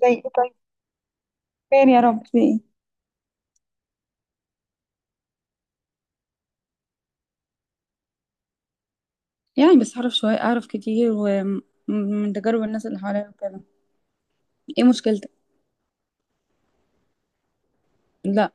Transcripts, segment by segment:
زي ايه طيب؟ خير يا رب، في ايه؟ يعني بس أعرف شوية، أعرف كتير ومن تجارب الناس اللي حواليا وكده. إيه مشكلتك؟ لا.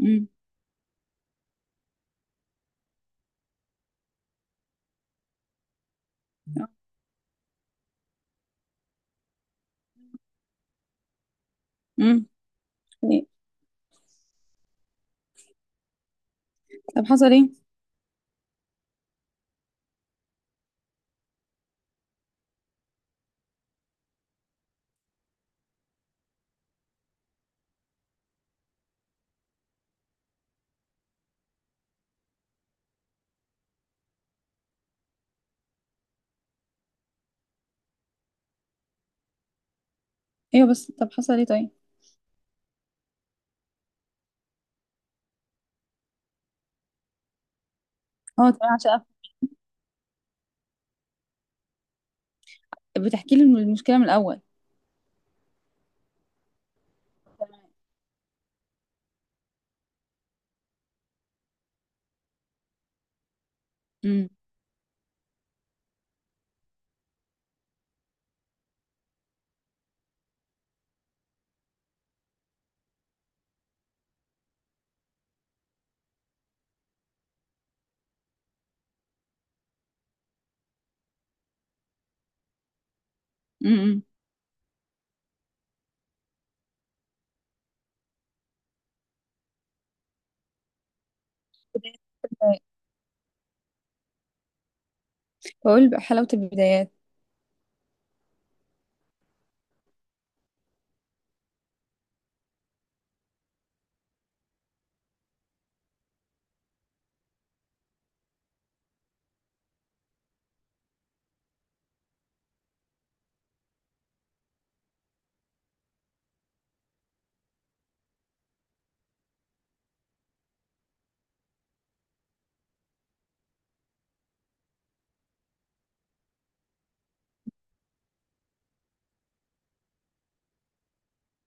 امم. امم. إيه؟ طب حصل إيه؟ أيوة، بس طب حصل إيه طيب؟ أه تمام، عشان بتحكي لي المشكلة من الأول. تمام. امم. امم. بداية- بقول بقى حلاوة البدايات.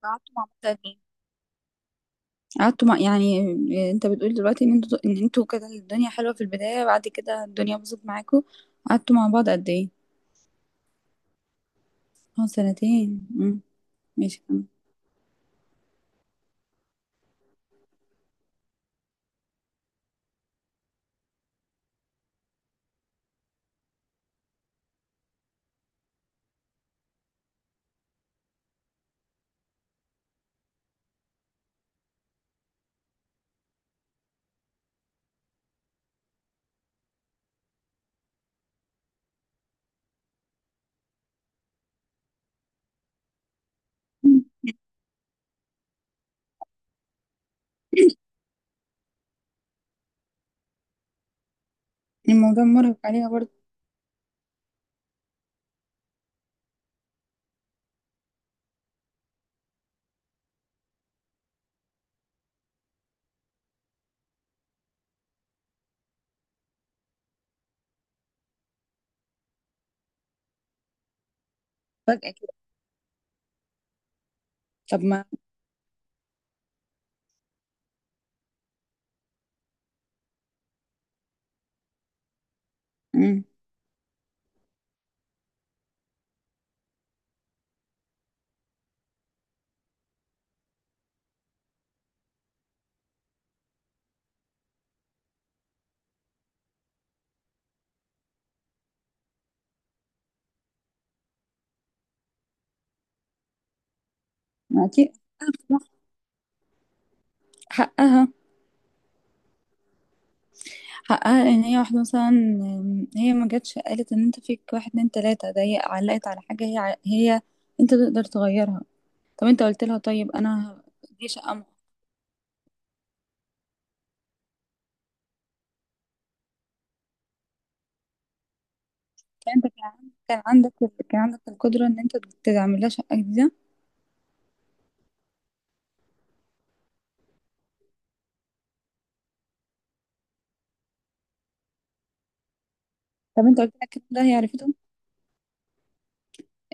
قعدتوا مع بعض قد إيه؟ قعدتوا مع يعني. إيه، انت بتقول دلوقتي ان انتوا ان انتوا كده الدنيا حلوة في البداية، بعد كده الدنيا باظت معاكوا. قعدتوا مع بعض قد ايه؟ اه سنتين. امم. ماشي. الموضوع مرهق عليها برضه. فجأة كده. طب ما. مم. ما أكيد. حقها. حقها ان هي واحدة مثلا، هي ما جاتش قالت ان انت فيك واحد اتنين تلاتة، ده هي علقت على حاجة هي هي انت تقدر تغيرها. طب انت قلت لها طيب انا، دي شقة فانت كان كان عندك، كان عندك القدرة ان انت تعمل لها شقة جديدة. طب انت قلت لها الكلام ده هي عرفته؟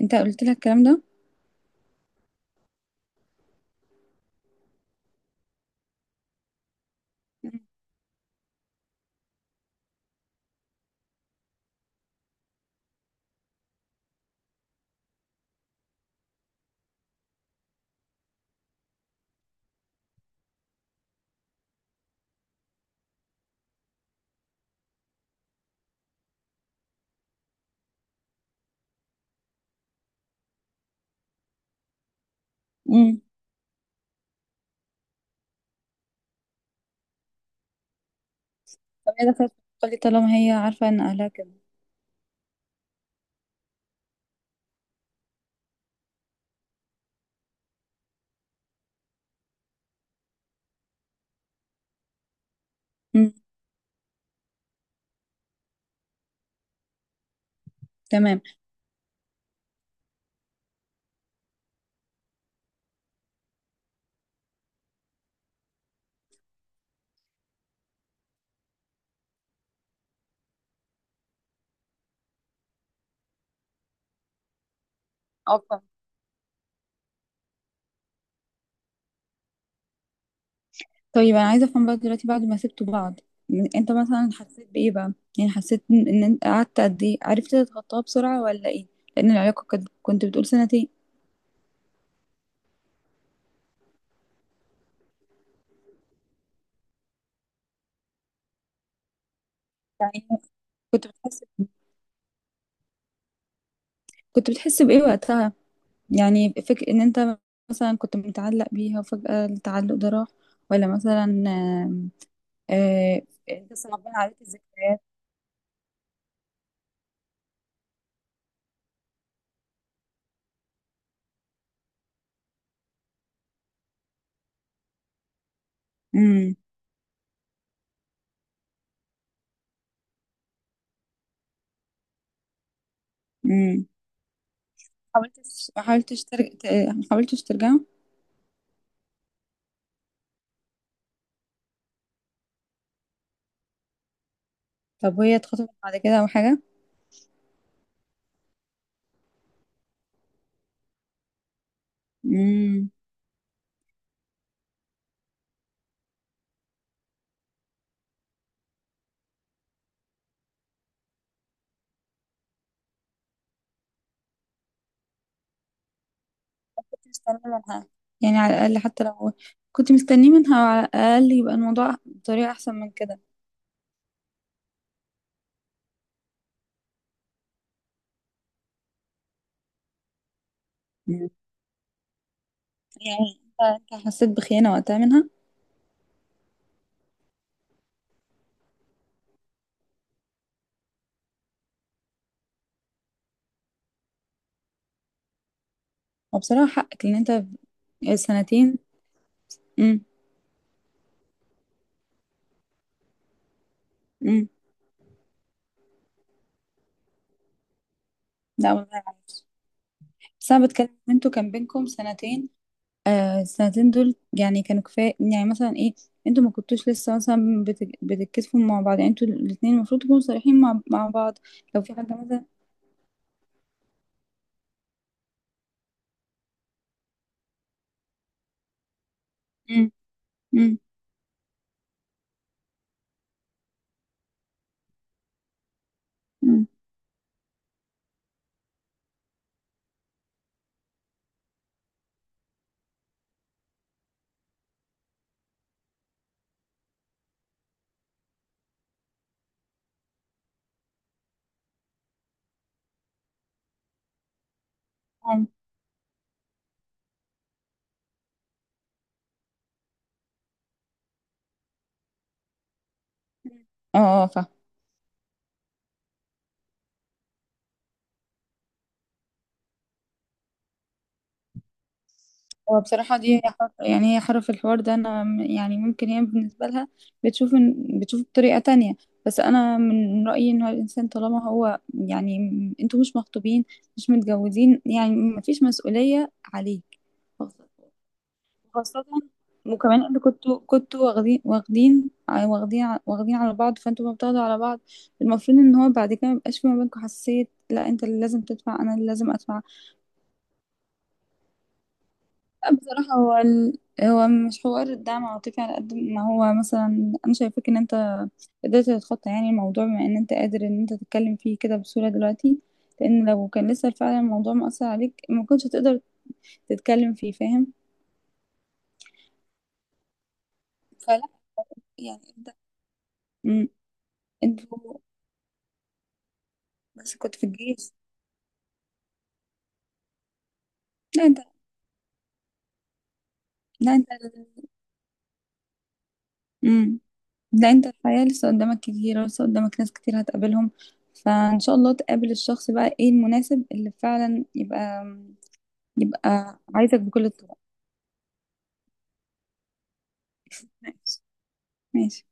انت قلت لها الكلام ده؟ امم. طب هي دخلت قالت طالما هي عارفة ان اهلها كده. امم. تمام. أوكي. طيب انا عايزه افهم بقى دلوقتي بعد ما سبتوا بعض، انت مثلا حسيت بايه بقى؟ يعني حسيت ان إن انت قعدت قد ايه، عرفت تتخطاها بسرعه ولا ايه؟ لان العلاقه كانت، كنت بتقول سنتين. يعني كنت بتحس، كنت بتحس بايه وقتها؟ يعني فكر ان انت مثلا كنت متعلق بيها وفجاه التعلق ده راح، ولا مثلا آه، انت صعبان عليك الذكريات. امم. امم. حاولتش؟ ما حاولتش ترجع؟ ما حاولتش ترجع؟ طب وهي اتخطبت بعد كده او حاجه؟ امم. كنت مستنية منها يعني على الأقل، حتى لو كنت مستنية منها على الأقل يبقى الموضوع بطريقة أحسن من كده. مم. يعني أنت، أنت حسيت بخيانة وقتها منها. وبصراحة حقك لأن أنت سنتين. امم. امم. لا والله عليك. بس أنا بتكلم إن أنتوا كان بينكم سنتين. آه السنتين دول يعني كانوا كفاية يعني مثلا إيه؟ أنتوا ما كنتوش لسه مثلا بتتكسفوا مع بعض؟ يعني أنتوا الاتنين المفروض تكونوا صريحين مع بعض. لو في حاجة مثلا. امم. امم. امم. اه. اه. هو بصراحة دي هي حر، يعني هي حر في الحوار ده. أنا يعني ممكن هي بالنسبة لها بتشوف بتشوف بطريقة تانية. بس أنا من رأيي إن هو الإنسان طالما هو يعني أنتوا مش مخطوبين، مش متجوزين، يعني مفيش مسؤولية عليك. خاصة وكمان أنتوا كنتوا واخدين، واخدين على بعض، فأنتوا ما بتاخدوا على بعض. المفروض إن هو بعد كده ميبقاش في ما بينكم حساسية. لا أنت اللي لازم تدفع، أنا اللي لازم أدفع. لا، بصراحة هو مش حوار الدعم العاطفي على قد ما هو مثلا أنا شايفاك إن أنت قدرت تتخطى يعني الموضوع، بما إن أنت قادر إن أنت تتكلم فيه كده بسهولة دلوقتي. لأن لو كان لسه فعلا الموضوع مأثر عليك ما كنتش هتقدر تتكلم فيه، فاهم؟ فلا، يعني أنت أمم، أنتوا بس كنت في الجيش. لا أنت. لا أنت. أمم، لا أنت الحياة لسه قدامك كتير، لسه قدامك ناس كتير هتقابلهم، فإن شاء الله تقابل الشخص بقى إيه المناسب اللي فعلا يبقى، يبقى عايزك بكل الطرق. ماشي. ماشي.